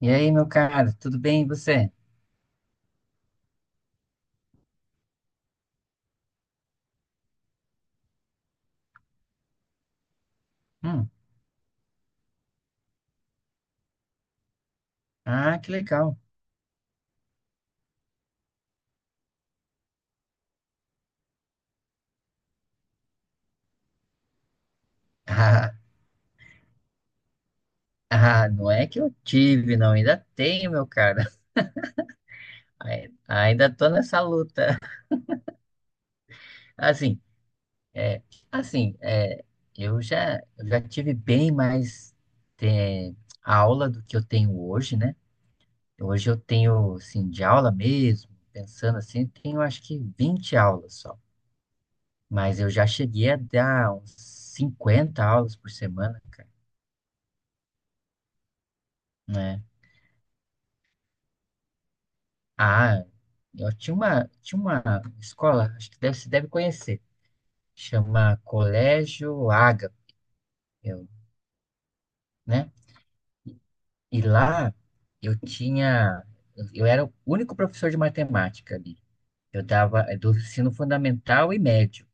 E aí, meu caro, tudo bem e você? Hum. Ah, que legal. Ah, não é que eu tive, não, ainda tenho, meu caro. Ainda tô nessa luta. Assim, é, assim, eu já tive bem mais é, aula do que eu tenho hoje, né? Hoje eu tenho, assim, de aula mesmo, pensando assim, tenho acho que 20 aulas só. Mas eu já cheguei a dar uns 50 aulas por semana, cara, né? Ah, eu tinha uma escola, acho que deve, você deve conhecer, chama Colégio Ágape, eu, né? E lá eu tinha, eu era o único professor de matemática ali. Eu dava do ensino fundamental e médio.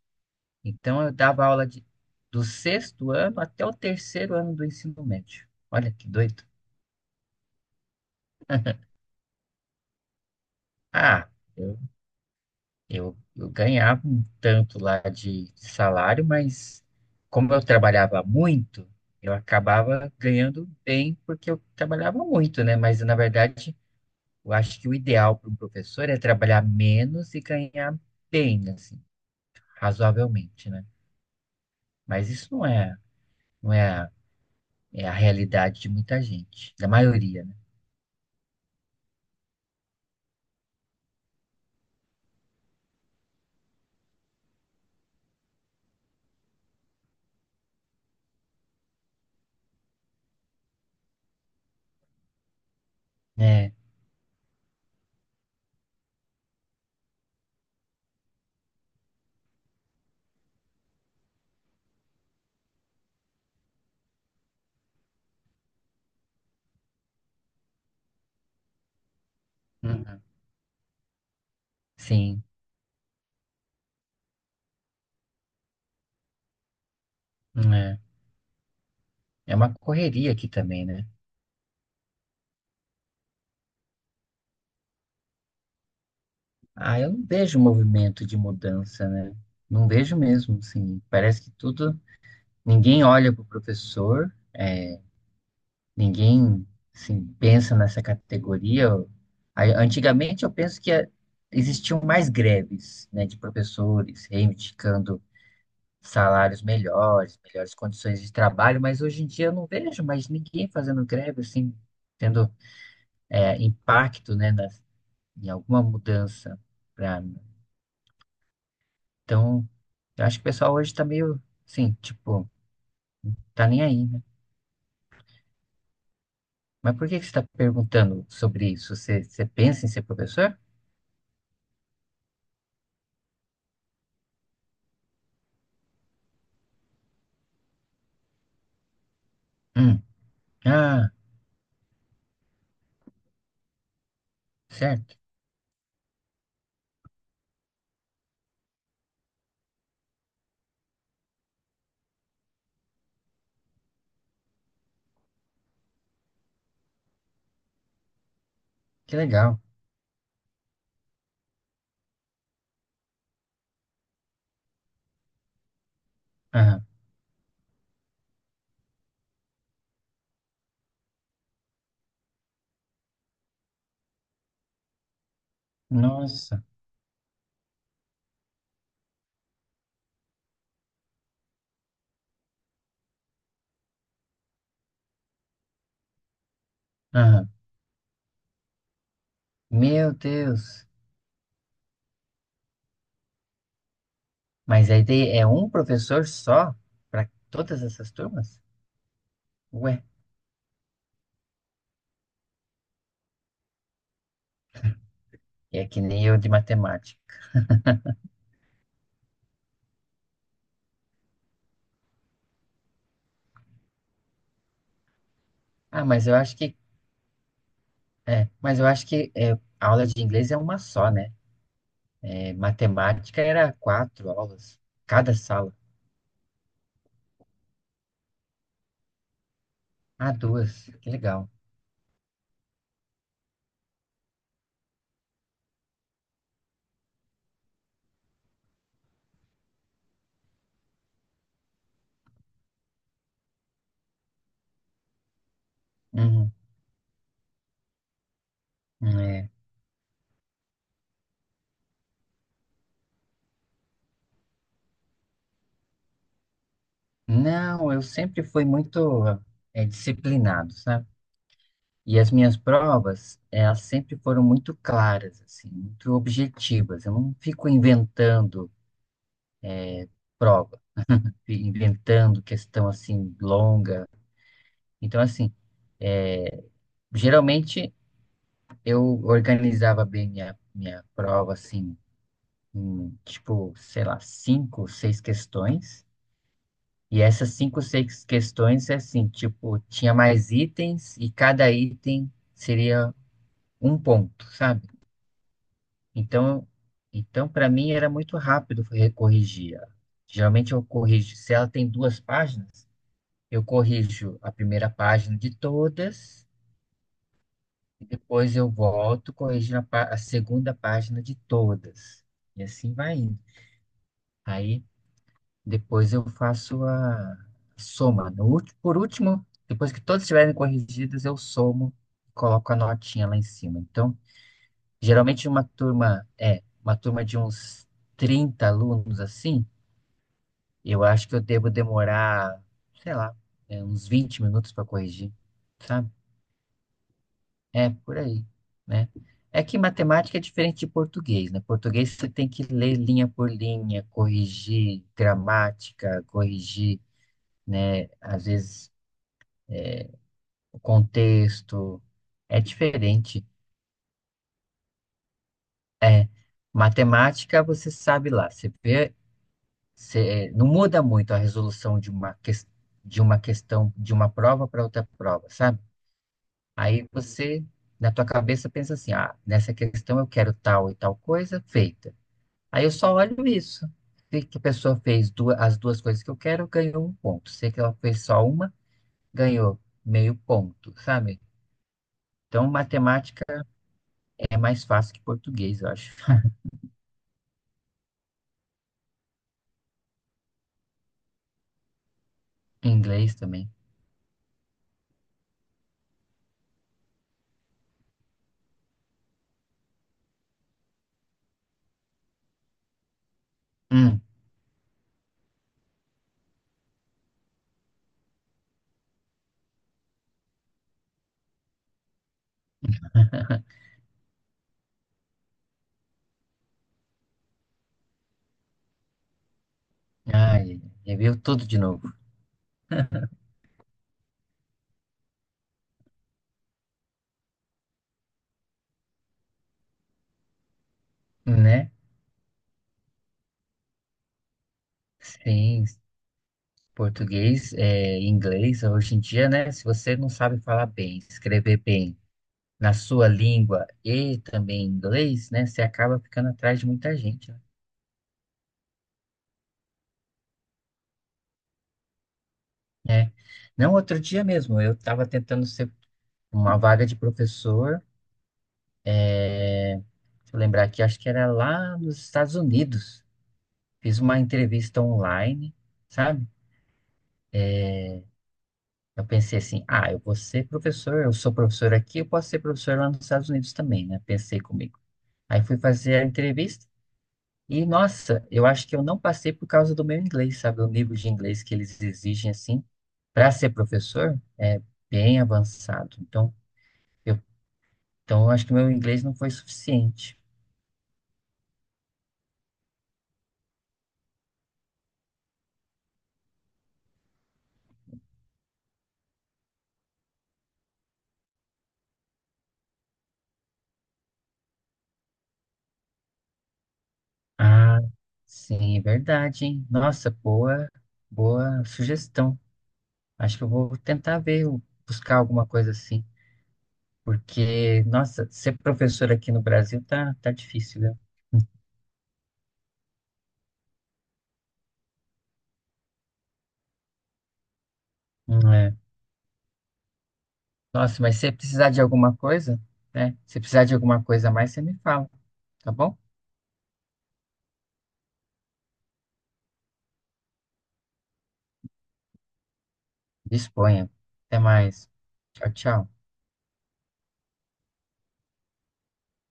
Então eu dava aula do sexto ano até o terceiro ano do ensino médio. Olha que doido. Ah, eu ganhava um tanto lá de salário, mas como eu trabalhava muito, eu acabava ganhando bem porque eu trabalhava muito, né? Mas na verdade, eu acho que o ideal para um professor é trabalhar menos e ganhar bem, assim, razoavelmente, né? Mas isso não é, a- é a realidade de muita gente, da maioria, né? É, uhum, sim, é. É uma correria aqui também, né? Ah, eu não vejo movimento de mudança, né? Não vejo mesmo, assim. Parece que tudo. Ninguém olha para o professor, ninguém assim, pensa nessa categoria. Antigamente eu penso que existiam mais greves, né, de professores reivindicando salários melhores, melhores condições de trabalho, mas hoje em dia eu não vejo mais ninguém fazendo greve, assim, tendo, impacto, né, em alguma mudança. Então, eu acho que o pessoal hoje tá meio, assim, tipo, tá nem aí, né? Mas por que que você tá perguntando sobre isso? Você pensa em ser professor? Hum. Ah, certo. Que legal. Aham. Nossa. Aham. Meu Deus. Mas a ideia é um professor só para todas essas turmas? Ué, é que nem eu de matemática. Ah, mas eu acho que, é, mas eu acho que é, a aula de inglês é uma só, né? É, matemática era quatro aulas, cada sala. Ah, duas. Que legal. Uhum. É. Não, eu sempre fui muito disciplinado, sabe? E as minhas provas, elas sempre foram muito claras, assim, muito objetivas. Eu não fico inventando prova, inventando questão, assim, longa. Então, assim, é, geralmente eu organizava bem minha prova, assim, em, tipo, sei lá, cinco, seis questões. E essas cinco, seis questões é assim, tipo, tinha mais itens e cada item seria um ponto, sabe? Então, então, para mim era muito rápido recorrigir. Geralmente eu corrijo, se ela tem duas páginas, eu corrijo a primeira página de todas e depois eu volto corrigindo a segunda página de todas. E assim vai indo. Aí depois eu faço a soma. No último, por último, depois que todas estiverem corrigidas, eu somo e coloco a notinha lá em cima. Então, geralmente uma turma é uma turma de uns 30 alunos assim, eu acho que eu devo demorar, sei lá, uns 20 minutos para corrigir, sabe? É por aí, né? É que matemática é diferente de português, né? Português você tem que ler linha por linha, corrigir gramática, corrigir, né? Às vezes o contexto é diferente. Matemática, você sabe lá, você vê, não muda muito a resolução de de uma questão, de uma prova para outra prova, sabe? Aí você, na tua cabeça, pensa assim, ah, nessa questão eu quero tal e tal coisa feita. Aí eu só olho isso. Se que a pessoa fez duas, as duas coisas que eu quero, ganhou um ponto. Se que ela fez só uma, ganhou meio ponto, sabe? Então, matemática é mais fácil que português, eu acho. Inglês também. Hum, ai, reviu tudo de novo, né? Sim, português, inglês, hoje em dia, né? Se você não sabe falar bem, escrever bem na sua língua e também inglês, né? Você acaba ficando atrás de muita gente, né? É. Não, outro dia mesmo, eu estava tentando ser uma vaga de professor, deixa eu lembrar aqui, acho que era lá nos Estados Unidos. Fiz uma entrevista online, sabe? Eu pensei assim, ah, eu vou ser professor, eu sou professor aqui, eu posso ser professor lá nos Estados Unidos também, né? Pensei comigo. Aí fui fazer a entrevista e, nossa, eu acho que eu não passei por causa do meu inglês, sabe? O nível de inglês que eles exigem, assim, para ser professor é bem avançado. Eu, então, eu acho que meu inglês não foi suficiente. Ah, sim, é verdade, hein? Nossa, boa, boa sugestão. Acho que eu vou tentar ver, eu buscar alguma coisa assim. Porque, nossa, ser professor aqui no Brasil tá difícil, viu? É. Nossa, mas se precisar de alguma coisa, né? Se precisar de alguma coisa a mais, você me fala, tá bom? Disponha. Até mais. Tchau, tchau.